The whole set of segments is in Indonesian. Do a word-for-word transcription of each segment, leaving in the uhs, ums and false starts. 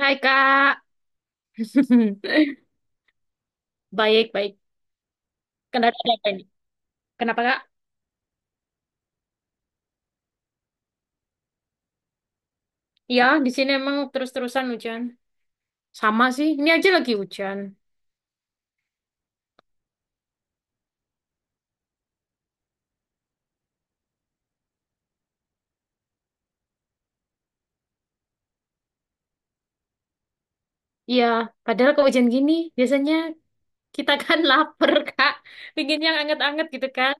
Hai Kak. Baik, baik. Kenapa ada apa ini? Kenapa Kak? Ya, di sini emang terus-terusan hujan. Sama sih, ini aja lagi hujan. Iya, padahal kalau hujan gini, biasanya kita kan lapar Kak. Pingin yang anget-anget gitu kan.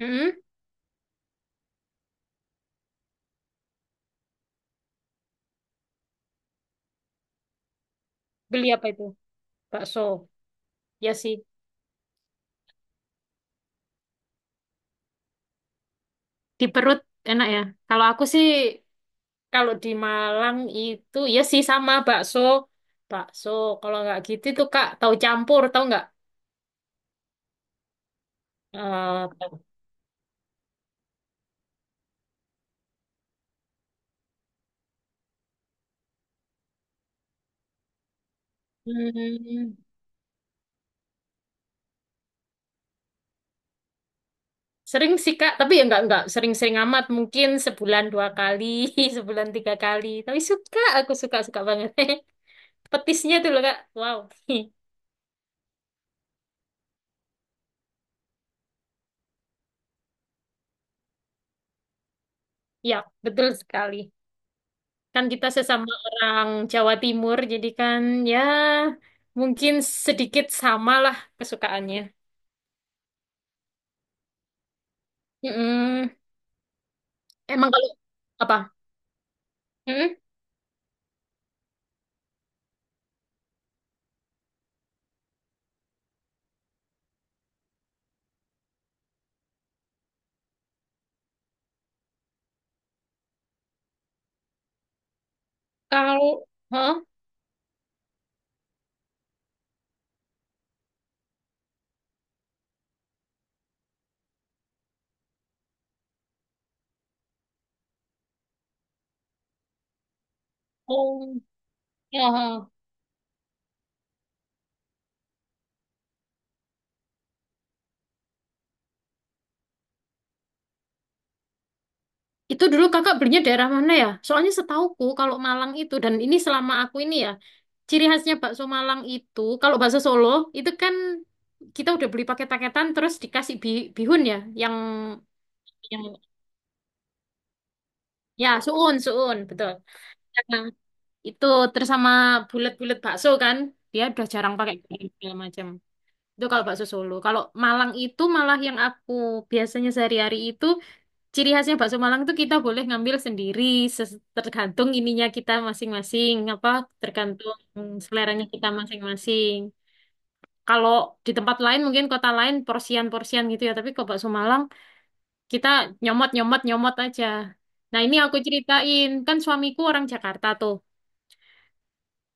Mm-mm. Beli apa itu? Bakso. Ya sih, di perut enak ya. Kalau aku sih, kalau di Malang itu, ya sih sama bakso. Bakso, kalau nggak gitu tuh Kak, tahu campur, tahu nggak? Eh, tahu. Hmm. Sering sih Kak, tapi ya nggak nggak sering-sering amat. Mungkin sebulan dua kali, sebulan tiga kali. Tapi suka, aku suka suka banget. Petisnya tuh loh Kak, wow. Ya, betul sekali. Kan kita sesama orang Jawa Timur, jadi kan ya mungkin sedikit sama lah kesukaannya. Mm-mm. Emang kalau apa? Mm-mm. Kalau, hah? Oh, ya. Huh. Itu dulu kakak belinya daerah mana ya? Soalnya setauku kalau Malang itu dan ini selama aku ini ya, ciri khasnya bakso Malang itu kalau bakso Solo itu kan kita udah beli paket-paketan terus dikasih bi- bihun ya, yang yang ya suun suun betul. Nah, itu terus sama bulat-bulat bakso kan, dia udah jarang pakai bihun segala macam. Itu kalau bakso Solo. Kalau Malang itu malah yang aku biasanya sehari-hari itu. Ciri khasnya bakso Malang tuh kita boleh ngambil sendiri, ses- tergantung ininya kita masing-masing, apa tergantung seleranya kita masing-masing. Kalau di tempat lain mungkin kota lain porsian-porsian gitu ya, tapi kalau bakso Malang kita nyomot-nyomot-nyomot aja. Nah ini aku ceritain, kan suamiku orang Jakarta tuh.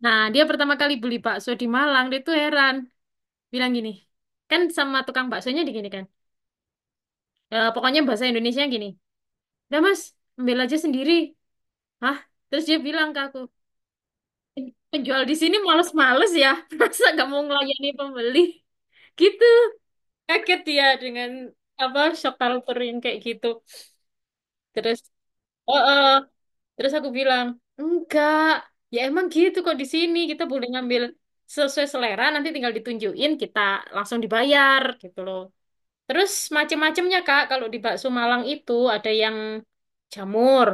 Nah dia pertama kali beli bakso di Malang, dia tuh heran, bilang gini, kan sama tukang baksonya digini kan, "E, pokoknya bahasa Indonesia gini, udah mas, ambil aja sendiri." Hah? Terus dia bilang ke aku, "Penjual di sini males-males ya, masa nggak mau ngelayani pembeli?" Gitu, kaget dia dengan apa shock culture yang kayak gitu. Terus, oh, oh. Terus aku bilang, enggak, ya emang gitu kok di sini kita boleh ngambil sesuai selera, nanti tinggal ditunjukin kita langsung dibayar gitu loh. Terus macem-macemnya Kak, kalau di bakso Malang itu ada yang jamur,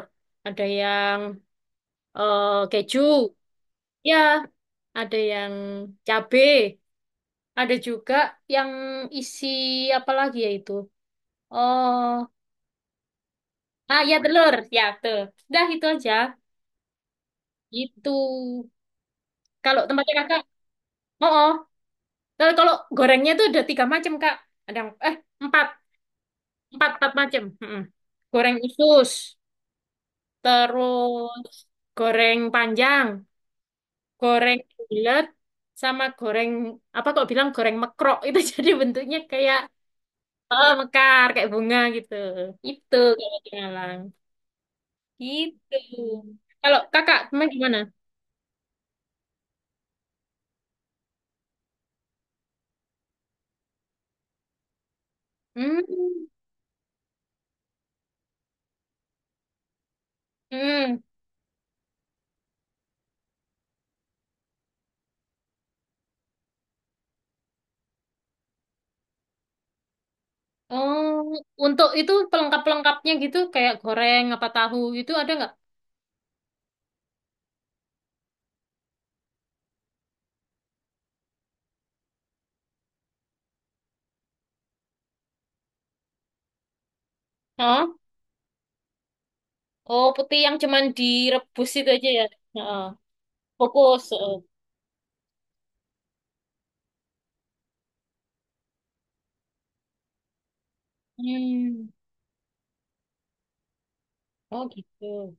ada yang eh, keju, ya, ada yang cabe. Ada juga yang isi apa lagi ya itu? Oh, ah ya telur, ya tuh. Dah itu aja. Gitu. Kalau tempatnya kakak, oh, oh. Tapi kalau gorengnya tuh ada tiga macam kak. Ada yang- eh empat, empat, empat macam. Mm-mm. Goreng usus, terus goreng panjang, goreng bulat, sama goreng apa kok bilang goreng mekrok itu jadi bentuknya kayak oh, mekar kayak bunga gitu. Itu kalau di Malang. Gitu. Kalau kakak, emang gimana? Hmm. Hmm. Oh, untuk itu pelengkap-pelengkapnya gitu, kayak goreng, apa tahu itu ada nggak? Oh, oh putih yang cuman direbus itu aja ya. Heeh. Fokus. Heeh. Hmm. Oh gitu.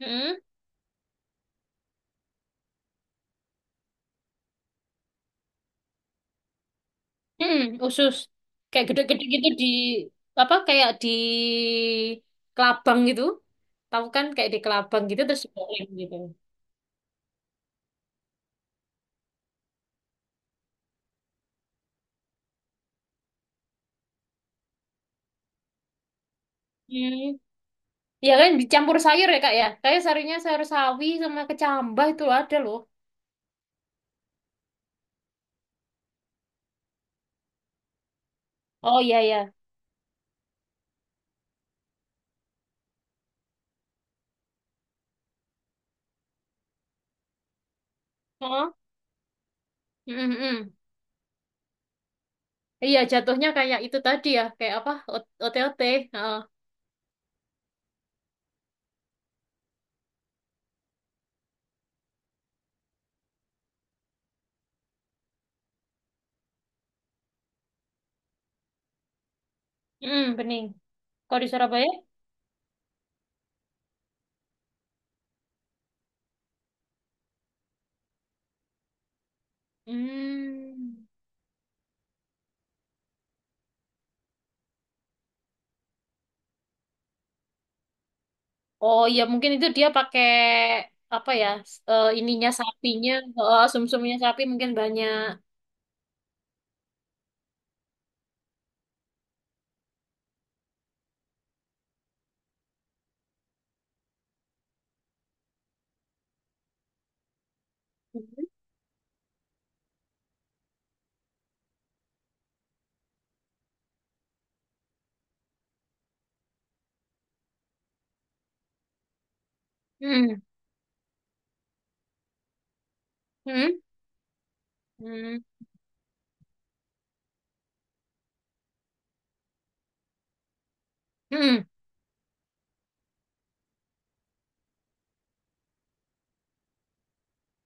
Hmm. Hmm. Usus. Kayak gede-gede gitu di apa? Kayak di kelabang gitu. Tahu kan kayak di kelabang gitu terus digoreng gitu. Hmm. Ya kan dicampur sayur ya kak ya. Kayak sayurnya sayur sawi sama kecambah itu ada loh. Oh iya iya. Oh. Mm-mm. Iya jatuhnya kayak itu tadi ya. Kayak apa? O- OTOT. Heeh. Mm, bening. Kalau di Surabaya? Hmm. Oh iya mungkin itu dia pakai apa ya? s- eh, ininya sapinya, eh, sum-sumnya sapi mungkin banyak. Hmm. Hmm. Hmm. Hmm.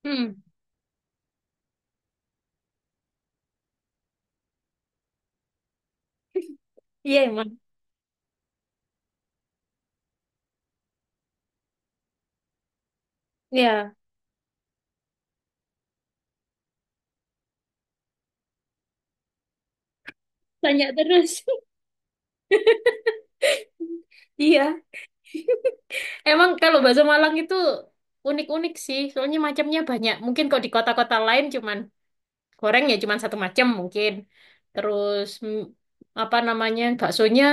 Hmm. Iya emang. Iya. Tanya terus. Iya. Emang kalau bakso Malang itu unik-unik sih, soalnya macamnya banyak. Mungkin kalau di kota-kota lain cuman goreng ya cuman satu macam mungkin. Terus mm, apa namanya baksonya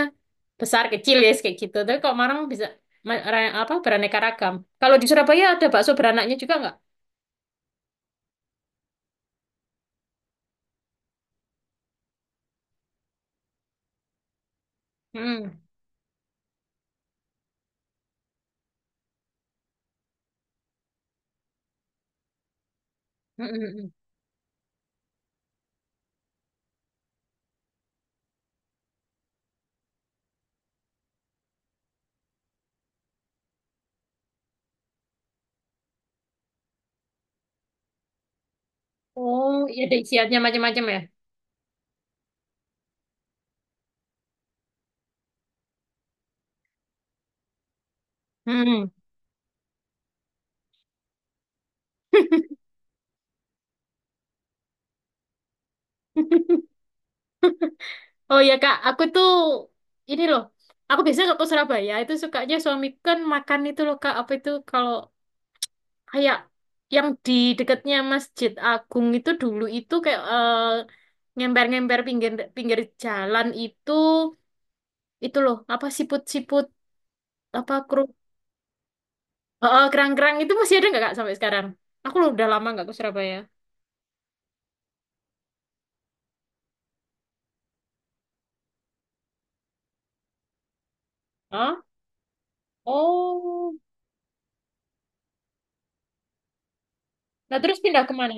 besar kecil ya kayak gitu. Tapi kalau Malang bisa ma- ra- apa beraneka ragam. Kalau di Surabaya ada bakso beranaknya juga nggak? Hmm. Hmm, hmm, hmm. Oh, iya ada isiannya macam-macam ya. Hmm. Oh ya Kak, aku tuh ini loh. Aku biasanya kalau ke Surabaya itu sukanya suami kan makan itu loh Kak, apa itu kalau kayak yang di dekatnya Masjid Agung itu dulu itu kayak eh, ngemper-ngemper pinggir pinggir jalan itu itu loh apa siput-siput apa kru eh, eh, kerang-kerang itu masih ada nggak kak sampai sekarang? Aku loh udah lama nggak ke Surabaya. Hah? Oh, nah terus pindah kemana?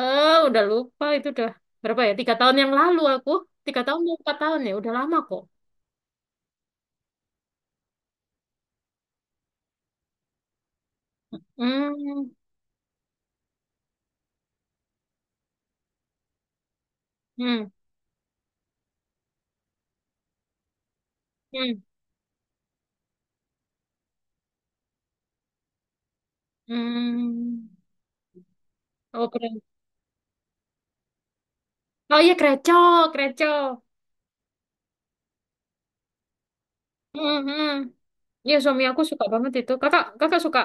Eh, udah lupa itu udah berapa ya? Tiga tahun yang lalu aku tiga tahun mau empat tahun ya udah lama kok. Hmm, hmm, hmm, hmm. Oh keren. Oh iya Kreco, Kreco. Hmm, hmm. Ya suami aku suka banget itu. Kakak, kakak suka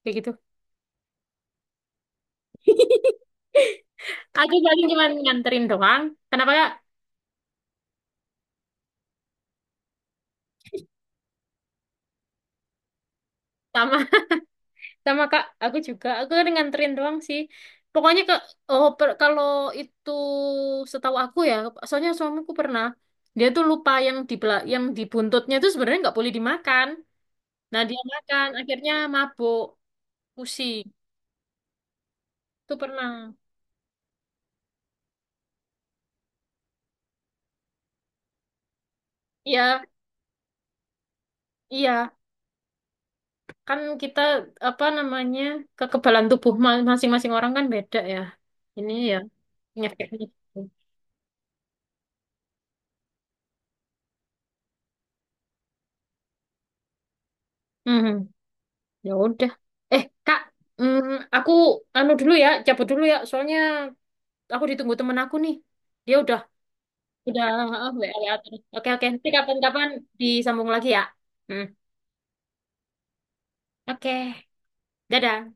kayak gitu. Aku paling cuma nganterin doang. Kenapa kak? Sama, sama kak. Aku juga. Aku kan nganterin doang sih. Pokoknya ke, oh per- kalau itu setahu aku ya. Soalnya suamiku pernah dia tuh lupa yang di bela- yang di buntutnya itu sebenarnya nggak boleh dimakan. Nah dia makan, akhirnya mabuk, pusing. Itu pernah. Iya, iya. Kan kita apa namanya kekebalan tubuh ma- masing-masing orang kan beda ya ini ya penyakitnya gitu. Mhm, ya udah eh kak mm, aku anu dulu ya cabut dulu ya soalnya aku ditunggu temen aku nih dia udah udah oh, W A terus. Oke oke nanti kapan-kapan disambung lagi ya. Hmm, oke dadah.